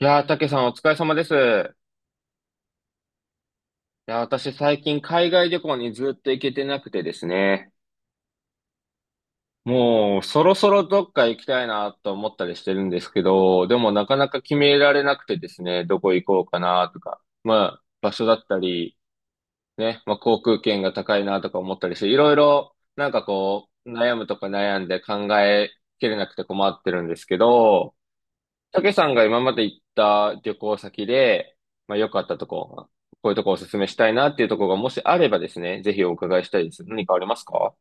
いやー、たけさんお疲れ様です。いやー、私最近海外旅行にずっと行けてなくてですね。もうそろそろどっか行きたいなと思ったりしてるんですけど、でもなかなか決められなくてですね、どこ行こうかなとか、まあ場所だったり、ね、まあ航空券が高いなとか思ったりして、いろいろなんかこう悩むとか悩んで考えきれなくて困ってるんですけど、たけさんが今まで行った旅行先で、まあ、良かったとこ、こういうとこおすすめしたいなっていうところがもしあればですね、ぜひお伺いしたいです。何かありますか？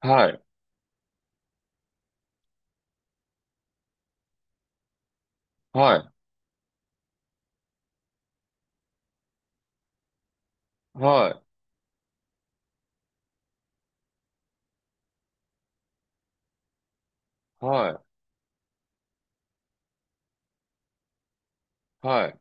はい、はい、はい、はい、はい。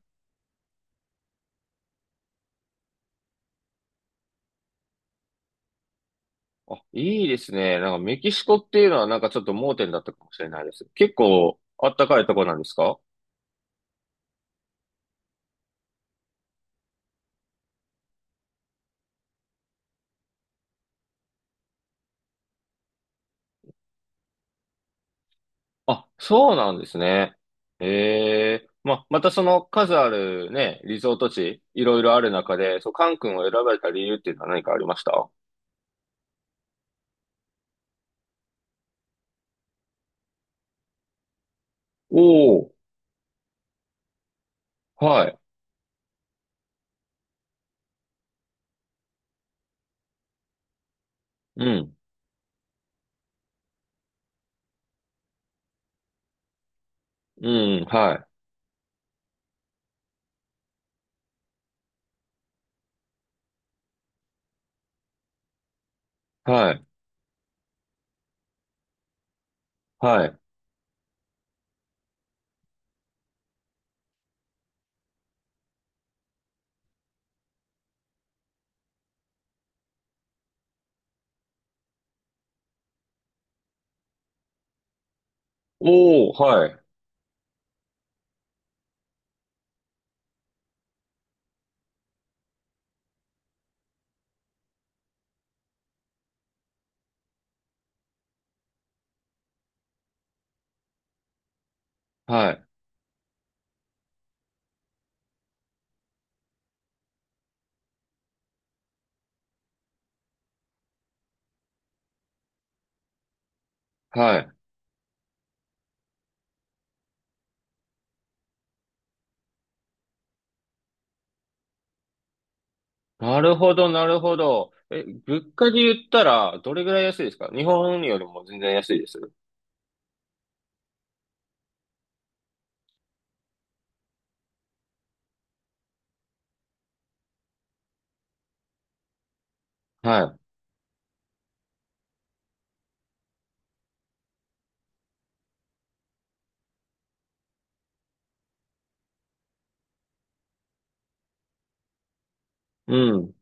あ、いいですね。なんかメキシコっていうのはなんかちょっと盲点だったかもしれないです。結構あったかいとこなんですか？あ、そうなんですね。ええ、まあ、またその数あるね、リゾート地、いろいろある中で、そう、カン君を選ばれた理由っていうのは何かありましたお？おー。はい。うん。うん。はい。はい。はい。おお、はい。はい。はい。なるほど、なるほど。え、物価で言ったら、どれぐらい安いですか？日本よりも全然安いですはい。うん。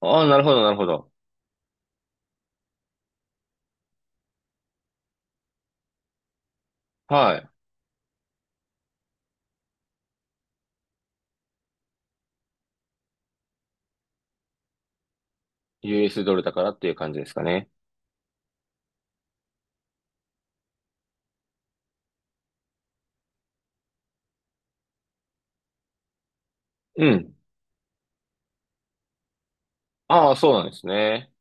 ああ、なるほど、なるほど。はい。US ドルだからっていう感じですかね？うん。ああ、そうなんですね。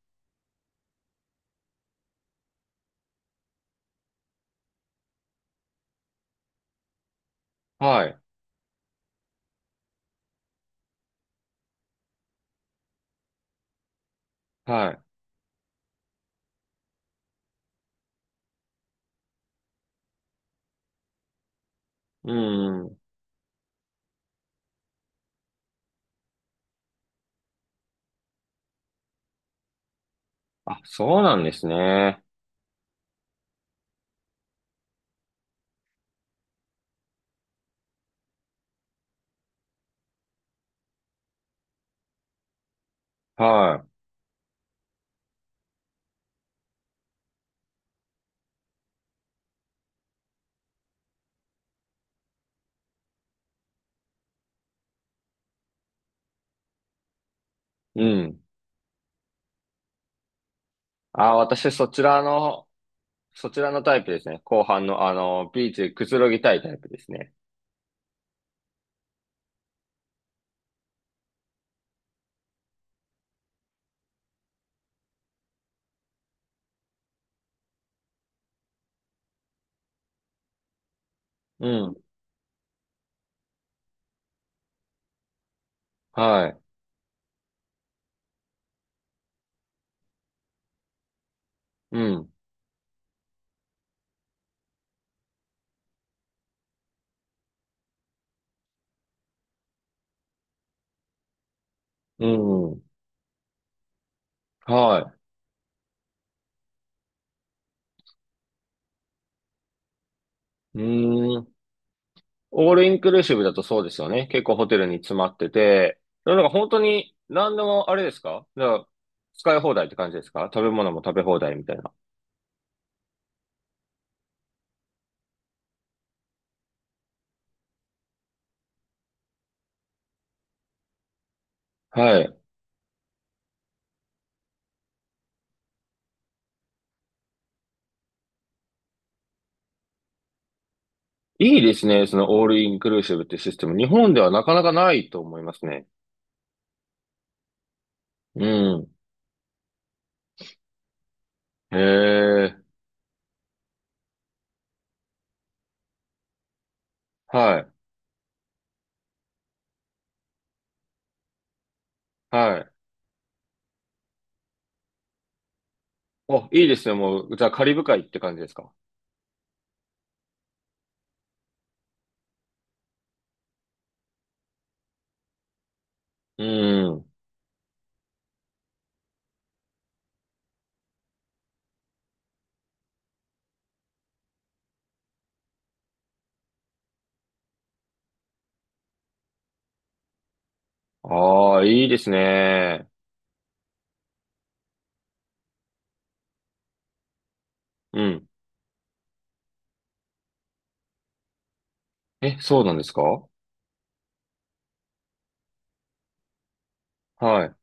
はい。はい。うん。あ、そうなんですね。はい。うん。ああ、私そちらのタイプですね。後半の、あの、ビーチでくつろぎたいタイプですね。うん。はい。うん。うん。はい。うーん。オールインクルーシブだとそうですよね。結構ホテルに詰まってて。なんか本当に、何でもあれですか？だから使い放題って感じですか？食べ物も食べ放題みたいな。はい。いいですね、そのオールインクルーシブってシステム。日本ではなかなかないと思いますね。うん。へえ。はい。はい。お、いいですね。もう、じゃあカリブ海って感じですか？うん。ああ、いいですね。うん。え、そうなんですか？はい。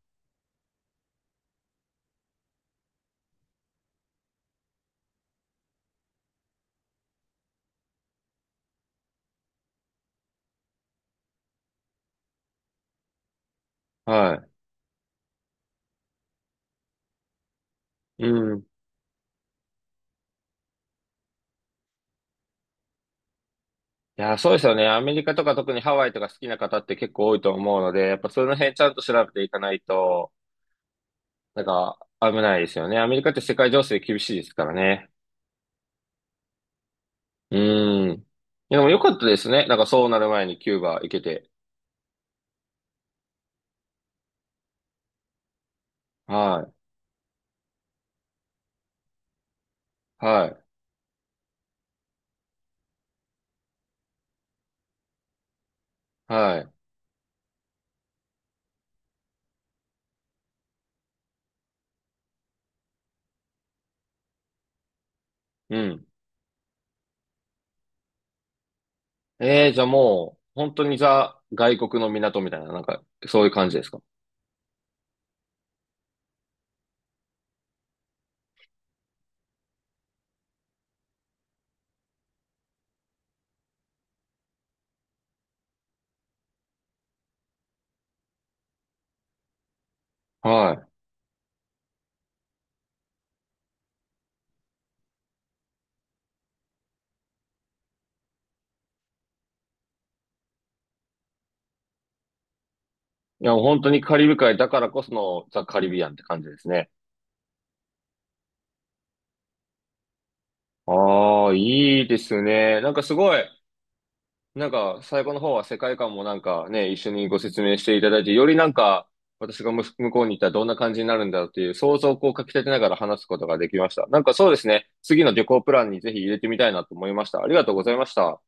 はい。うん。いや、そうですよね。アメリカとか特にハワイとか好きな方って結構多いと思うので、やっぱその辺ちゃんと調べていかないと、なんか危ないですよね。アメリカって世界情勢厳しいですからね。うん。でも良かったですね、なんかそうなる前にキューバ行けて。はい。はい。はい。うん。えー、じゃあもう、本当にザ、外国の港みたいな、なんか、そういう感じですか？はい。いや、本当にカリブ海だからこそのザ・カリビアンって感じですね。ああ、いいですね。なんかすごい、なんか最後の方は世界観もなんかね、一緒にご説明していただいて、よりなんか私が向こうに行ったらどんな感じになるんだろうっていう想像をこうかき立てながら話すことができました。なんかそうですね、次の旅行プランにぜひ入れてみたいなと思いました。ありがとうございました。